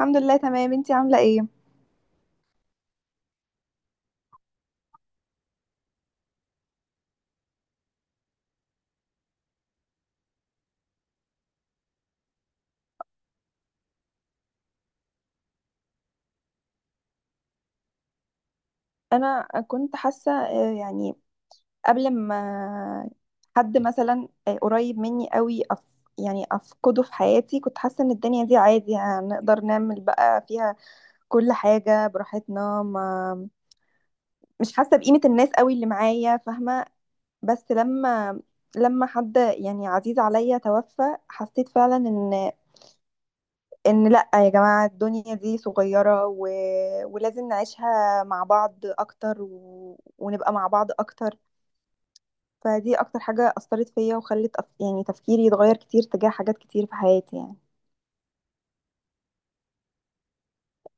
الحمد لله، تمام. انتي عاملة ايه؟ انا كنت حاسة، يعني، قبل ما حد مثلا قريب مني قوي، يعني افقده في حياتي. كنت حاسة ان الدنيا دي عادي، يعني هنقدر نعمل بقى فيها كل حاجة براحتنا، ما مش حاسة بقيمة الناس قوي اللي معايا، فاهمة؟ بس لما حد يعني عزيز عليا توفى. حسيت فعلا ان لا، يا جماعة الدنيا دي صغيرة ولازم نعيشها مع بعض اكتر ونبقى مع بعض اكتر. فدي اكتر حاجة اثرت فيا وخلت يعني تفكيري يتغير كتير تجاه حاجات كتير في حياتي، يعني.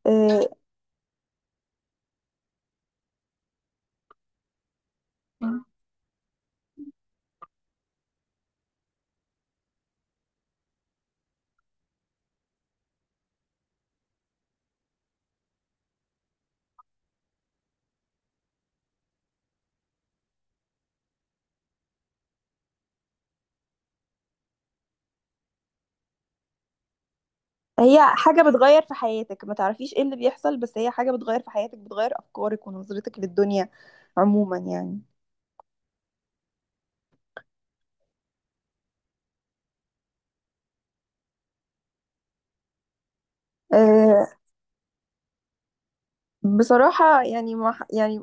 إيه، هي حاجة بتغير في حياتك، ما تعرفيش ايه اللي بيحصل، بس هي حاجة بتغير في حياتك، بتغير افكارك ونظرتك للدنيا عموما، يعني. إيه، بصراحة يعني ما ح- يعني،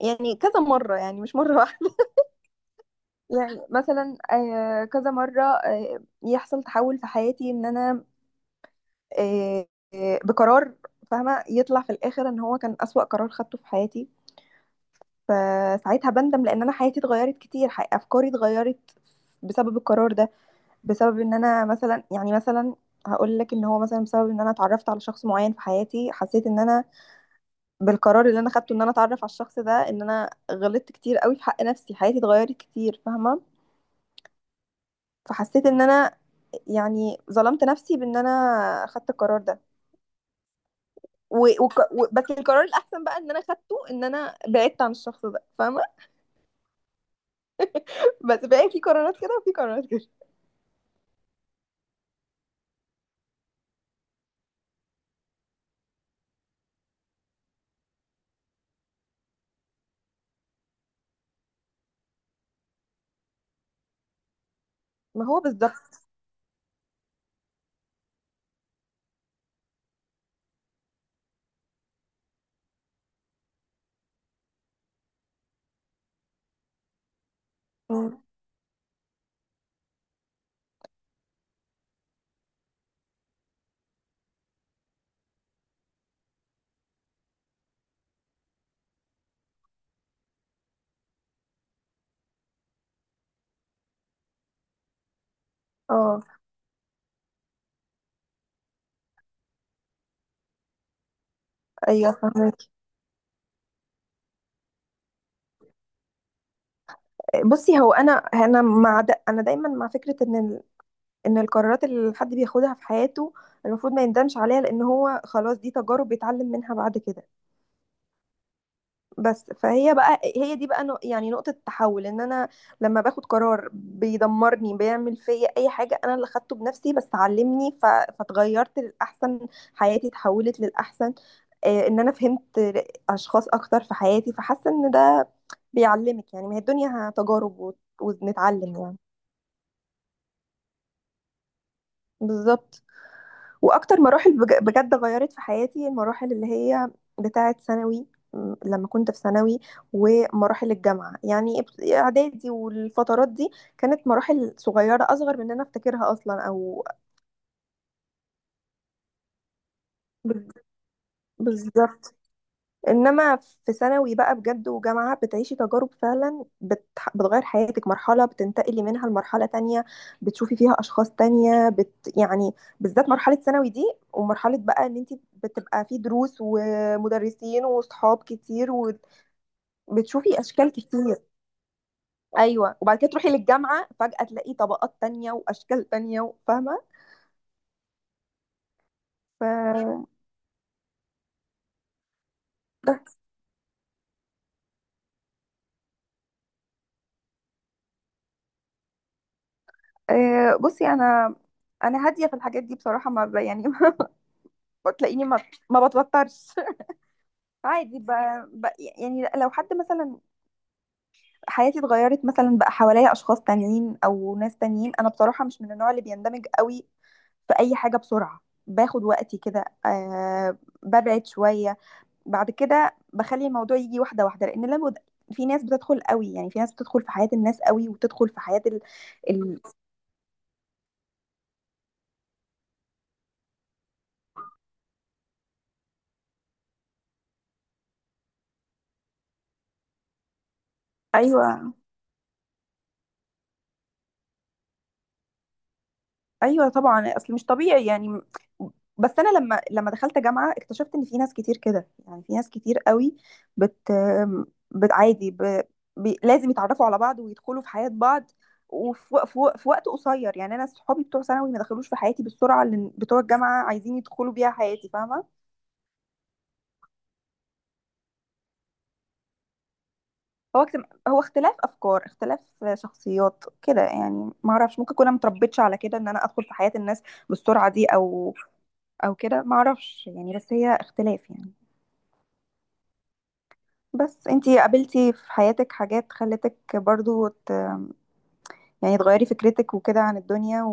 يعني كذا مرة، يعني مش مرة واحدة. يعني مثلا كذا مرة يحصل تحول في حياتي ان انا، آه، بقرار، فاهمة؟ يطلع في الاخر ان هو كان اسوأ قرار خدته في حياتي. فساعتها بندم لان انا حياتي اتغيرت كتير، افكاري اتغيرت بسبب القرار ده. بسبب ان انا مثلا، يعني مثلا هقول لك ان هو مثلا بسبب ان انا اتعرفت على شخص معين في حياتي. حسيت ان انا بالقرار اللي انا خدته، ان انا اتعرف على الشخص ده، ان انا غلطت كتير قوي في حق نفسي، حياتي اتغيرت كتير، فاهمة؟ فحسيت ان انا يعني ظلمت نفسي بان انا خدت القرار ده. بس القرار الاحسن بقى ان انا خدته، ان انا بعدت عن الشخص ده، فاهمه؟ بس بقى في قرارات كده وفي قرارات كده. ما هو بالظبط. مم. اه، ايوه، فاهمك. بصي، هو انا دايما مع فكره ان القرارات اللي حد بياخدها في حياته المفروض ما يندمش عليها، لان هو خلاص دي تجارب بيتعلم منها بعد كده. بس فهي بقى، هي دي بقى، يعني نقطة التحول ان انا لما باخد قرار بيدمرني، بيعمل فيا اي حاجة، انا اللي خدته بنفسي، بس علمني، فاتغيرت للأحسن. حياتي اتحولت للأحسن، ان انا فهمت اشخاص اكتر في حياتي، فحاسة ان ده بيعلمك. يعني ما هي الدنيا تجارب ونتعلم، يعني. بالظبط. واكتر مراحل بجد غيرت في حياتي، المراحل اللي هي بتاعه ثانوي. لما كنت في ثانوي ومراحل الجامعه، يعني اعدادي، والفترات دي كانت مراحل صغيره، اصغر من ان انا افتكرها اصلا، او بز- بالظبط. انما في ثانوي بقى بجد وجامعة، بتعيشي تجارب فعلا بتغير حياتك، مرحلة بتنتقلي منها لمرحلة تانية، بتشوفي فيها اشخاص تانية، يعني. بالذات مرحلة ثانوي دي، ومرحلة بقى ان انت بتبقى في دروس ومدرسين وصحاب كتير، وبتشوفي اشكال كتير. ايوه، وبعد كده تروحي للجامعة فجأة تلاقي طبقات تانية واشكال تانية، فاهمة؟ ف بس، بصي، انا هاديه في الحاجات دي بصراحه، ما ب- يعني. ما تلاقيني، ما بتوترش، عادي، ب... يعني لو حد مثلا حياتي اتغيرت مثلا، بقى حواليا اشخاص تانيين او ناس تانيين، انا بصراحة مش من النوع اللي بيندمج قوي في اي حاجة بسرعة. باخد وقتي كده، ببعد شوية، بعد كده بخلي الموضوع يجي واحدة واحدة، لان لو في ناس بتدخل قوي، يعني في ناس بتدخل في حياة الناس قوي، وتدخل في حياة ال... ايوه. ايوه طبعا، اصل مش طبيعي، يعني. بس انا لما دخلت جامعه، اكتشفت ان في ناس كتير كده، يعني في ناس كتير قوي بت عادي، لازم يتعرفوا على بعض ويدخلوا في حياه بعض وفي وق- في وق- في وقت قصير. يعني انا صحابي بتوع ثانوي ما دخلوش في حياتي بالسرعه اللي بتوع الجامعه عايزين يدخلوا بيها حياتي، فاهمه؟ هو اختلاف افكار، اختلاف شخصيات كده، يعني. ما اعرفش، ممكن اكون أنا متربيتش على كده ان انا ادخل في حياه الناس بالسرعه دي، او كده، ما اعرفش، يعني. بس هي اختلاف، يعني. بس انتي قابلتي في حياتك حاجات خلتك برضو يعني تغيري فكرتك وكده عن الدنيا،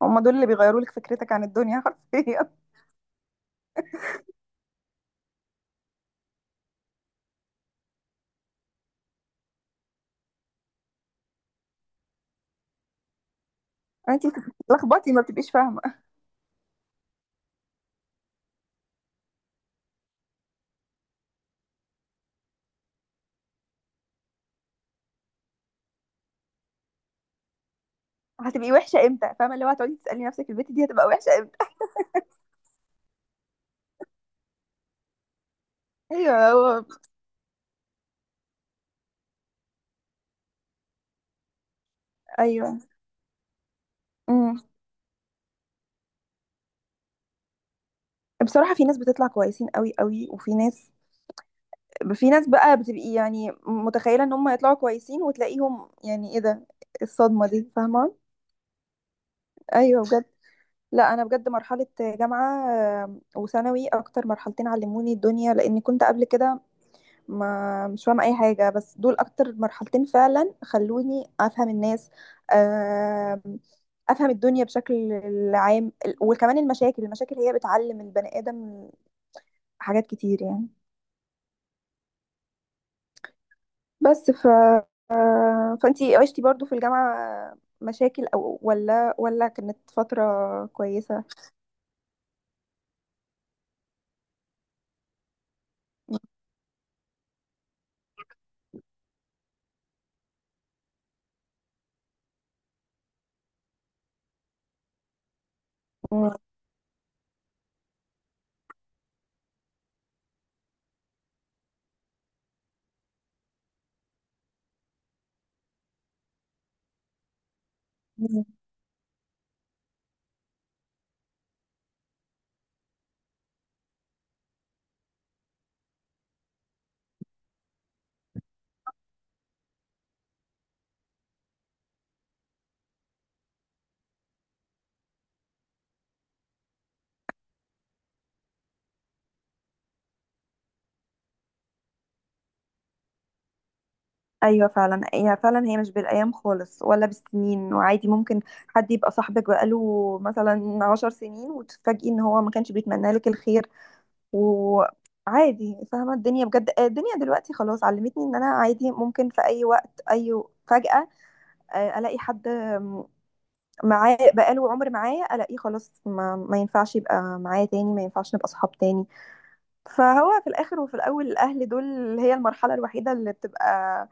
وهم دول اللي بيغيروا لك فكرتك عن الدنيا حرفيا. انتي بتتلخبطي، ما بتبقيش فاهمه، هتبقي وحشه امتى، فاهمه؟ اللي هو هتقعدي تسالي نفسك البت دي هتبقى وحشه امتى. ايوه هو، ايوه، امم. بصراحه، في ناس بتطلع كويسين قوي قوي، وفي ناس، في ناس بقى بتبقي يعني متخيله ان هم يطلعوا كويسين، وتلاقيهم يعني، ايه ده، الصدمه دي، فاهمه؟ ايوه. لا، انا بجد مرحله جامعه وثانوي اكتر مرحلتين علموني الدنيا، لاني كنت قبل كده ما مش فاهمه اي حاجه. بس دول اكتر مرحلتين فعلا خلوني افهم الناس، آم، افهم الدنيا بشكل عام. وكمان المشاكل، المشاكل هي بتعلم البني ادم حاجات كتير، يعني. بس فانتي عشتي برضو في الجامعه مشاكل، او ولا كانت فتره كويسه؟ ايوه فعلا، هي فعلا هي مش بالايام خالص ولا بالسنين. وعادي ممكن حد يبقى صاحبك بقاله مثلا 10 سنين، وتتفاجئي ان هو ما كانش بيتمنى لك الخير. وعادي فاهمه، الدنيا بجد الدنيا دلوقتي خلاص علمتني ان انا عادي ممكن في اي وقت، اي فجأة، الاقي حد معاه بقاله عمر معايا، الاقيه خلاص، ما ينفعش يبقى معايا تاني، ما ينفعش نبقى صحاب تاني. فهو في الاخر وفي الاول الاهل دول هي المرحله الوحيده اللي بتبقى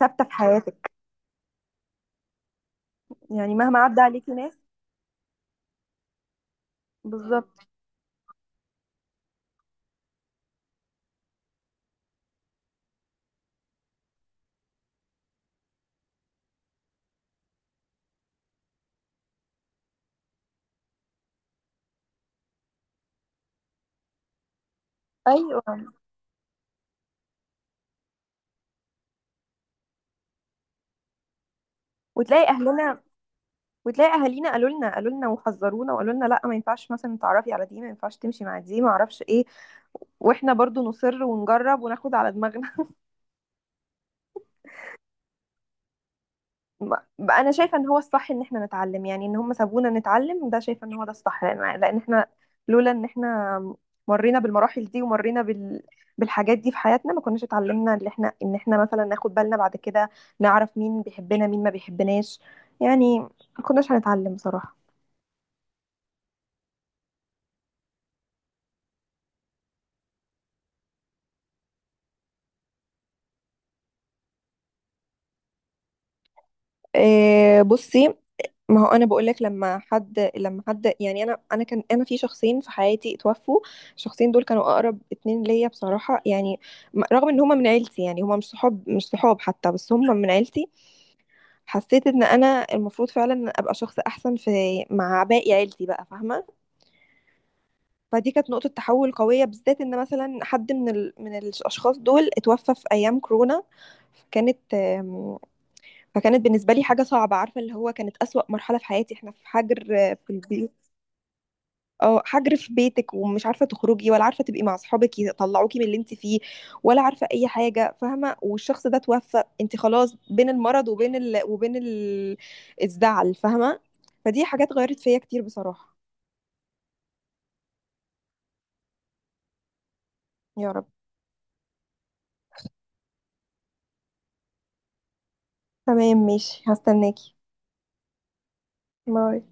ثابته في حياتك، يعني مهما عدى عليكي ناس. بالظبط. ايوه، وتلاقي اهلنا، وتلاقي اهالينا قالوا لنا، وحذرونا، وقالوا لنا لا، ما ينفعش مثلا تعرفي على دي، ما ينفعش تمشي مع دي، ما اعرفش ايه. واحنا برضو نصر ونجرب وناخد على دماغنا. انا شايفه ان هو الصح ان احنا نتعلم، يعني ان هم سابونا نتعلم ده. شايفه ان هو ده الصح، لان احنا لولا ان احنا مرينا بالمراحل دي، ومرينا بالحاجات دي في حياتنا، ما كناش اتعلمنا ان احنا، مثلا ناخد بالنا بعد كده، نعرف مين بيحبنا مين ما بيحبناش، يعني ما كناش هنتعلم، بصراحه. إيه، بصي، ما هو انا بقول لك، لما حد يعني انا في شخصين في حياتي اتوفوا. الشخصين دول كانوا اقرب اتنين ليا بصراحه، يعني رغم ان هما من عيلتي، يعني هما مش صحاب مش صحاب حتى، بس هما من عيلتي. حسيت ان انا المفروض فعلا ابقى شخص احسن في، مع باقي عيلتي بقى، فاهمه؟ فدي كانت نقطه تحول قويه، بالذات ان مثلا حد من من الاشخاص دول اتوفى في ايام كورونا. كانت فكانت بالنسبه لي حاجه صعبه، عارفه، اللي هو كانت اسوأ مرحله في حياتي، احنا في حجر في البيت. اه، حجر في بيتك، ومش عارفه تخرجي، ولا عارفه تبقي مع اصحابك يطلعوكي من اللي انت فيه، ولا عارفه اي حاجه، فاهمه؟ والشخص ده توفى، انت خلاص بين المرض وبين الزعل، فاهمه؟ فدي حاجات غيرت فيا كتير، بصراحه. يا رب. تمام ماشي، هستناكي. باي.